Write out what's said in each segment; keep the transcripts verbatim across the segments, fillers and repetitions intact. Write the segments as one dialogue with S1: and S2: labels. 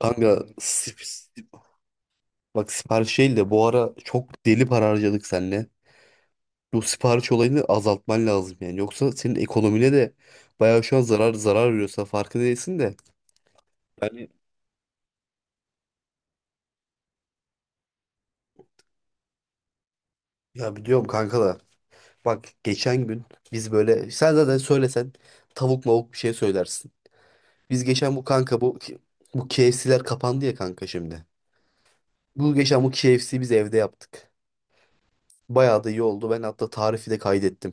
S1: Kanka sip- sip- bak sipariş değil de bu ara çok deli para harcadık seninle. Bu sipariş olayını azaltman lazım yani. Yoksa senin ekonomine de bayağı şu an zarar zarar veriyorsa farkı değilsin de. Yani ya biliyorum kanka da. Bak geçen gün biz böyle sen zaten söylesen tavuk mavuk bir şey söylersin. Biz geçen bu kanka bu bu K F C'ler kapandı ya kanka şimdi. Bu geçen bu K F C'yi biz evde yaptık. Bayağı da iyi oldu. Ben hatta tarifi de kaydettim.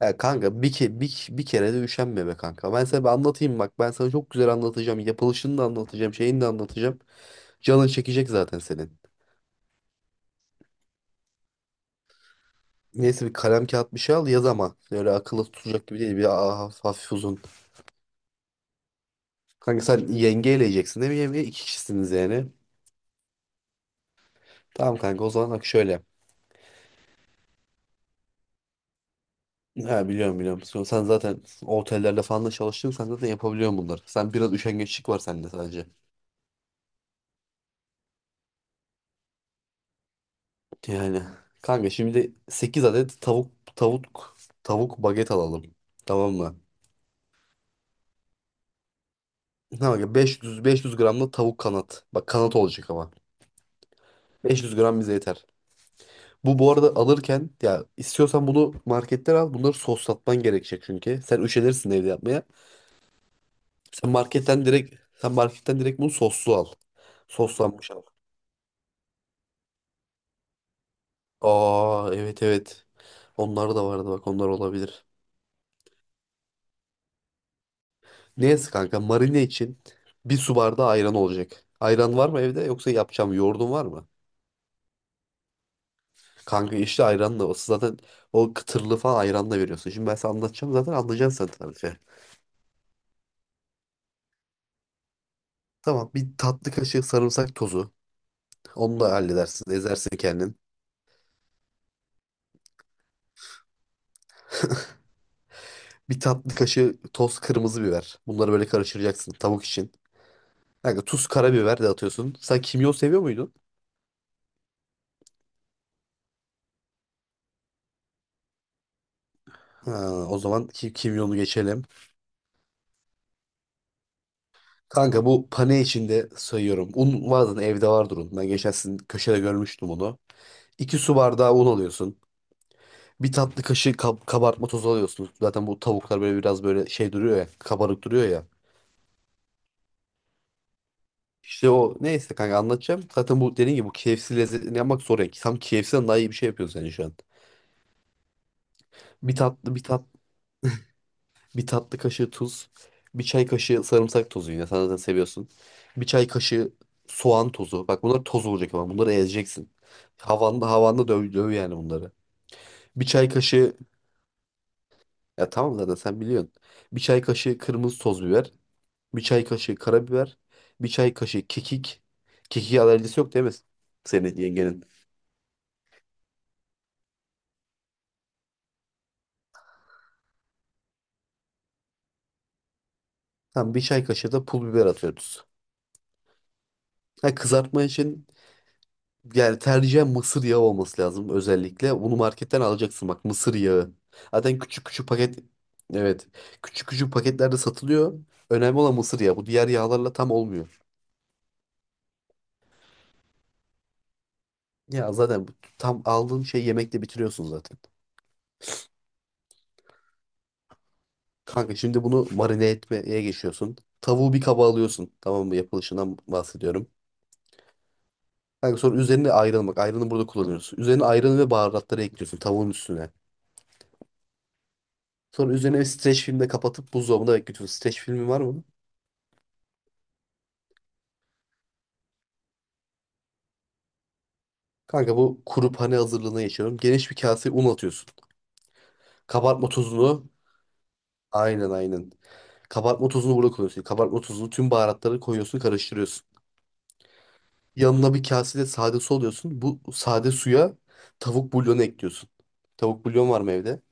S1: Ya kanka bir, ke bir, bir kere de üşenme be kanka. Ben sana bir anlatayım bak. Ben sana çok güzel anlatacağım. Yapılışını da anlatacağım. Şeyini de anlatacağım. Canın çekecek zaten senin. Neyse bir kalem kağıt bir şey al yaz ama. Öyle akıllı tutacak gibi değil. Bir ha- hafif uzun. Kanka sen yenge eleyeceksin değil mi? Yenge iki kişisiniz yani. Tamam kanka o zaman bak şöyle. Ha biliyorum biliyorum. Sen sen zaten otellerde falan da çalıştın. Sen zaten yapabiliyorsun bunları. Sen biraz üşengeçlik var sende sadece. Yani kanka şimdi sekiz adet tavuk tavuk tavuk baget alalım. Tamam mı? Tamam kanka, beş yüz beş yüz gram da tavuk kanat. Bak kanat olacak ama. beş yüz gram bize yeter. Bu bu arada alırken ya istiyorsan bunu marketten al. Bunları soslatman gerekecek çünkü. Sen üşenirsin evde yapmaya. Sen marketten direkt sen marketten direkt bunu soslu al. Soslanmış al. Aa evet evet. Onlar da vardı bak onlar olabilir. Neyse kanka marine için bir su bardağı ayran olacak. Ayran var mı evde, yoksa yapacağım, yoğurdun var mı? Kanka işte ayranla o zaten o kıtırlı falan ayranla veriyorsun. Şimdi ben sana anlatacağım zaten anlayacaksın sen tarifi. Tamam bir tatlı kaşığı sarımsak tozu. Onu da halledersin, ezersin kendin. Bir tatlı kaşığı toz kırmızı biber. Bunları böyle karıştıracaksın tavuk için. Kanka tuz karabiber de atıyorsun. Sen kimyon seviyor muydun? Ha, o zaman ki kimyonu geçelim. Kanka bu pane içinde sayıyorum. Un vardı evde, vardır un. Ben geçen sizin köşede görmüştüm onu. İki su bardağı un alıyorsun. Bir tatlı kaşığı kab- kabartma tozu alıyorsun. Zaten bu tavuklar böyle biraz böyle şey duruyor ya. Kabarık duruyor ya. İşte o neyse kanka anlatacağım. Zaten bu dediğin gibi bu K F C lezzetini yapmak zor ya. Tam K F C'den daha iyi bir şey yapıyorsun sen şu an. Bir tatlı bir tat Bir tatlı kaşığı tuz. Bir çay kaşığı sarımsak tozu yine. Sen zaten seviyorsun. Bir çay kaşığı soğan tozu. Bak bunlar toz olacak ama bunları ezeceksin. Havanda havanda döv, döv yani bunları. Bir çay kaşığı ya tamam zaten sen biliyorsun. Bir çay kaşığı kırmızı toz biber. Bir çay kaşığı karabiber. Bir çay kaşığı kekik. Kekiğe alerjisi yok değil mi senin yengenin? Tamam bir çay kaşığı da pul biber atıyoruz. Ha, kızartma için yani tercihen mısır yağı olması lazım özellikle. Bunu marketten alacaksın bak, mısır yağı. Zaten küçük küçük paket, evet, küçük küçük paketlerde satılıyor. Önemli olan mısır yağı. Bu diğer yağlarla tam olmuyor. Ya zaten bu- tam aldığın şeyi yemekle bitiriyorsun zaten. Kanka şimdi bunu marine etmeye geçiyorsun. Tavuğu bir kaba alıyorsun. Tamam mı? Yapılışından bahsediyorum. Kanka sonra üzerine ayran bak. Ayranı burada kullanıyorsun. Üzerine ayranı ve baharatları ekliyorsun tavuğun üstüne. Sonra üzerine bir streç filmle kapatıp buzdolabında bekletiyorsun. Streç filmi var mı? Kanka bu kuru pane hazırlığına geçiyorum. Geniş bir kaseye un atıyorsun. Kabartma tozunu aynen aynen. Kabartma tozunu burada koyuyorsun. Kabartma tozunu, tüm baharatları koyuyorsun, karıştırıyorsun. Yanına bir kasede sade su alıyorsun. Bu sade suya tavuk bulyonu ekliyorsun. Tavuk bulyon var mı evde?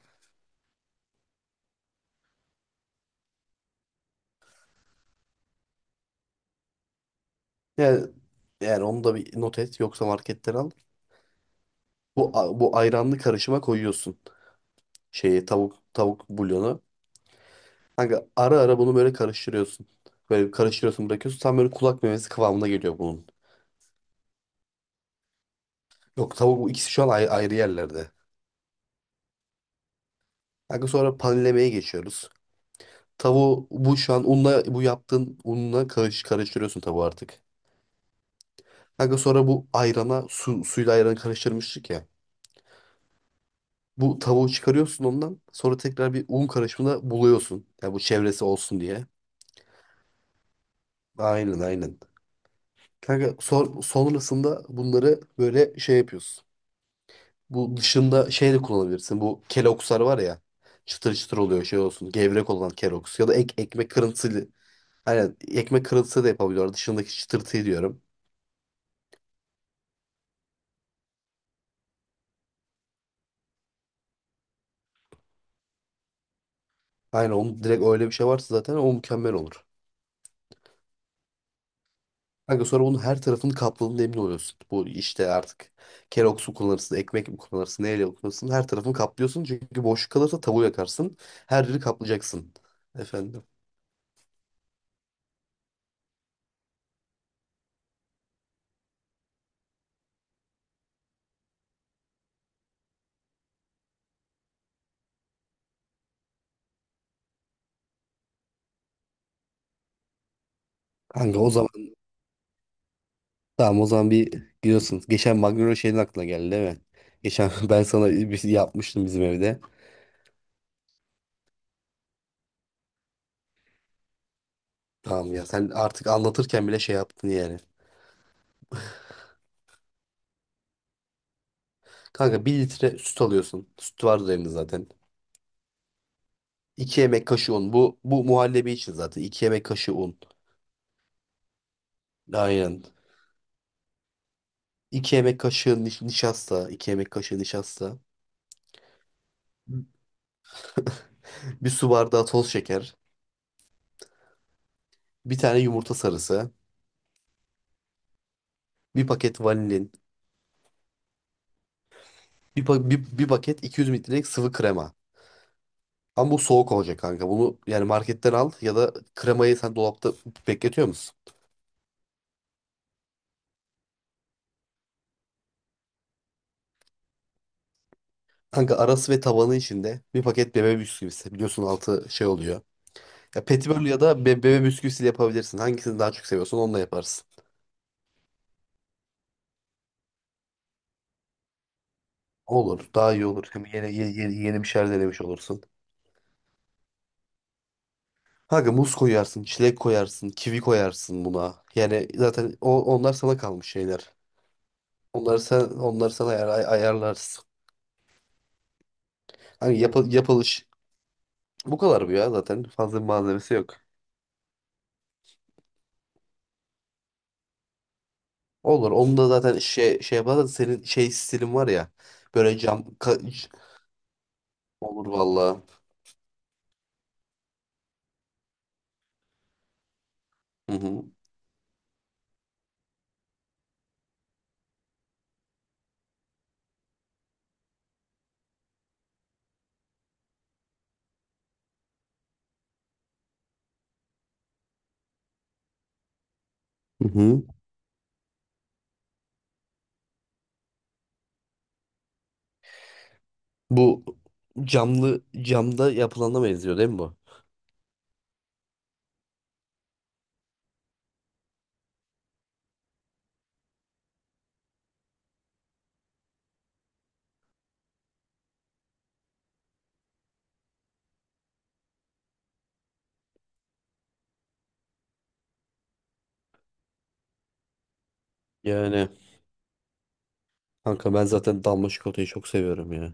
S1: Yani, yani onu da bir not et yoksa marketten al. Bu, bu ayranlı karışıma koyuyorsun şeyi, tavuk tavuk bulyonu. Kanka ara ara bunu böyle karıştırıyorsun. Böyle karıştırıyorsun, bırakıyorsun. Tam böyle kulak memesi kıvamına geliyor bunun. Yok, tavuk bu ikisi şu an ay- ayrı yerlerde. Kanka sonra panlemeye geçiyoruz. Tavuğu bu şu an unla, bu yaptığın unla karış, karıştırıyorsun tavuğu artık. Kanka sonra bu ayrana su, suyla ayranı karıştırmıştık ya. Bu tavuğu çıkarıyorsun ondan. Sonra tekrar bir un karışımına buluyorsun. Yani bu çevresi olsun diye. Aynen aynen. Kanka son, sonrasında bunları böyle şey yapıyorsun. Bu dışında şey de kullanabilirsin. Bu kelokslar var ya. Çıtır çıtır oluyor şey olsun. Gevrek olan keloks. Ya da ek, ekmek kırıntısı. Aynen ekmek kırıntısı da yapabiliyorlar. Dışındaki çıtırtıyı diyorum. Aynen, onun direkt öyle bir şey varsa zaten o mükemmel olur. Kanka sonra bunun her tarafını kapladığında emin oluyorsun. Bu işte artık Kellogg's mu kullanırsın, ekmek mi kullanırsın, neyle kullanırsın her tarafını kaplıyorsun. Çünkü boşluk kalırsa tavuğu yakarsın. Her yeri kaplayacaksın. Efendim. Kanka o zaman tamam, o zaman bir gidiyorsun. Geçen Magnolia şeyin aklına geldi değil mi? Geçen ben sana bir şey yapmıştım bizim evde. Tamam ya, sen artık anlatırken bile şey yaptın yani. Kanka bir litre süt alıyorsun. Süt vardır evinde zaten. iki yemek kaşığı un. Bu bu muhallebi için zaten. İki yemek kaşığı un. Aynen. iki yemek kaşığı niş- nişasta. İki yemek kaşığı nişasta. Bir su bardağı toz şeker. Bir tane yumurta sarısı. Bir paket vanilin. Bir, pa- bir, bir paket iki yüz mililitrelik sıvı krema. Ama bu soğuk olacak kanka. Bunu yani marketten al ya da kremayı sen dolapta bekletiyor musun? Kanka arası ve tabanı içinde bir paket bebe bisküvisi. Biliyorsun altı şey oluyor. Ya petibörlü ya da be bebe bisküvisiyle yapabilirsin. Hangisini daha çok seviyorsan onunla yaparsın. Olur. Daha iyi olur. Hem yeni, yeni, yeni, yeni bir şeyler denemiş olursun. Kanka muz koyarsın, çilek koyarsın, kivi koyarsın buna. Yani zaten o, onlar sana kalmış şeyler. Onları sen onları sen ayar, ay- ayarlarsın. Hani yap, yapılış bu kadar bu ya zaten. Fazla bir malzemesi yok. Olur. Onu da zaten şey şey yapar da senin şey stilin var ya. Böyle cam ka- olur vallahi. Hı hı. Hı hı. Bu camlı camda yapılana benziyor değil mi bu? Yani kanka ben zaten damla çikolatayı çok seviyorum ya.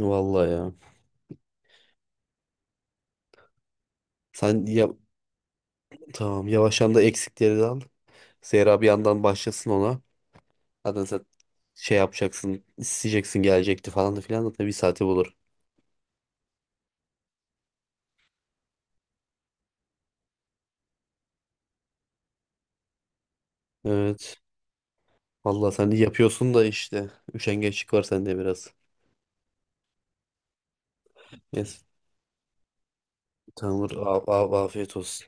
S1: Vallahi ya. Sen ya tamam, yavaştan da eksikleri de al. Zehra bir yandan başlasın ona. Zaten sen şey yapacaksın, isteyeceksin, gelecekti falan da filan, zaten bir saati bulur. Evet. Vallahi sen de yapıyorsun da işte. Üşengeçlik var sende biraz. Neyse. Tamam, Af- af- afiyet olsun.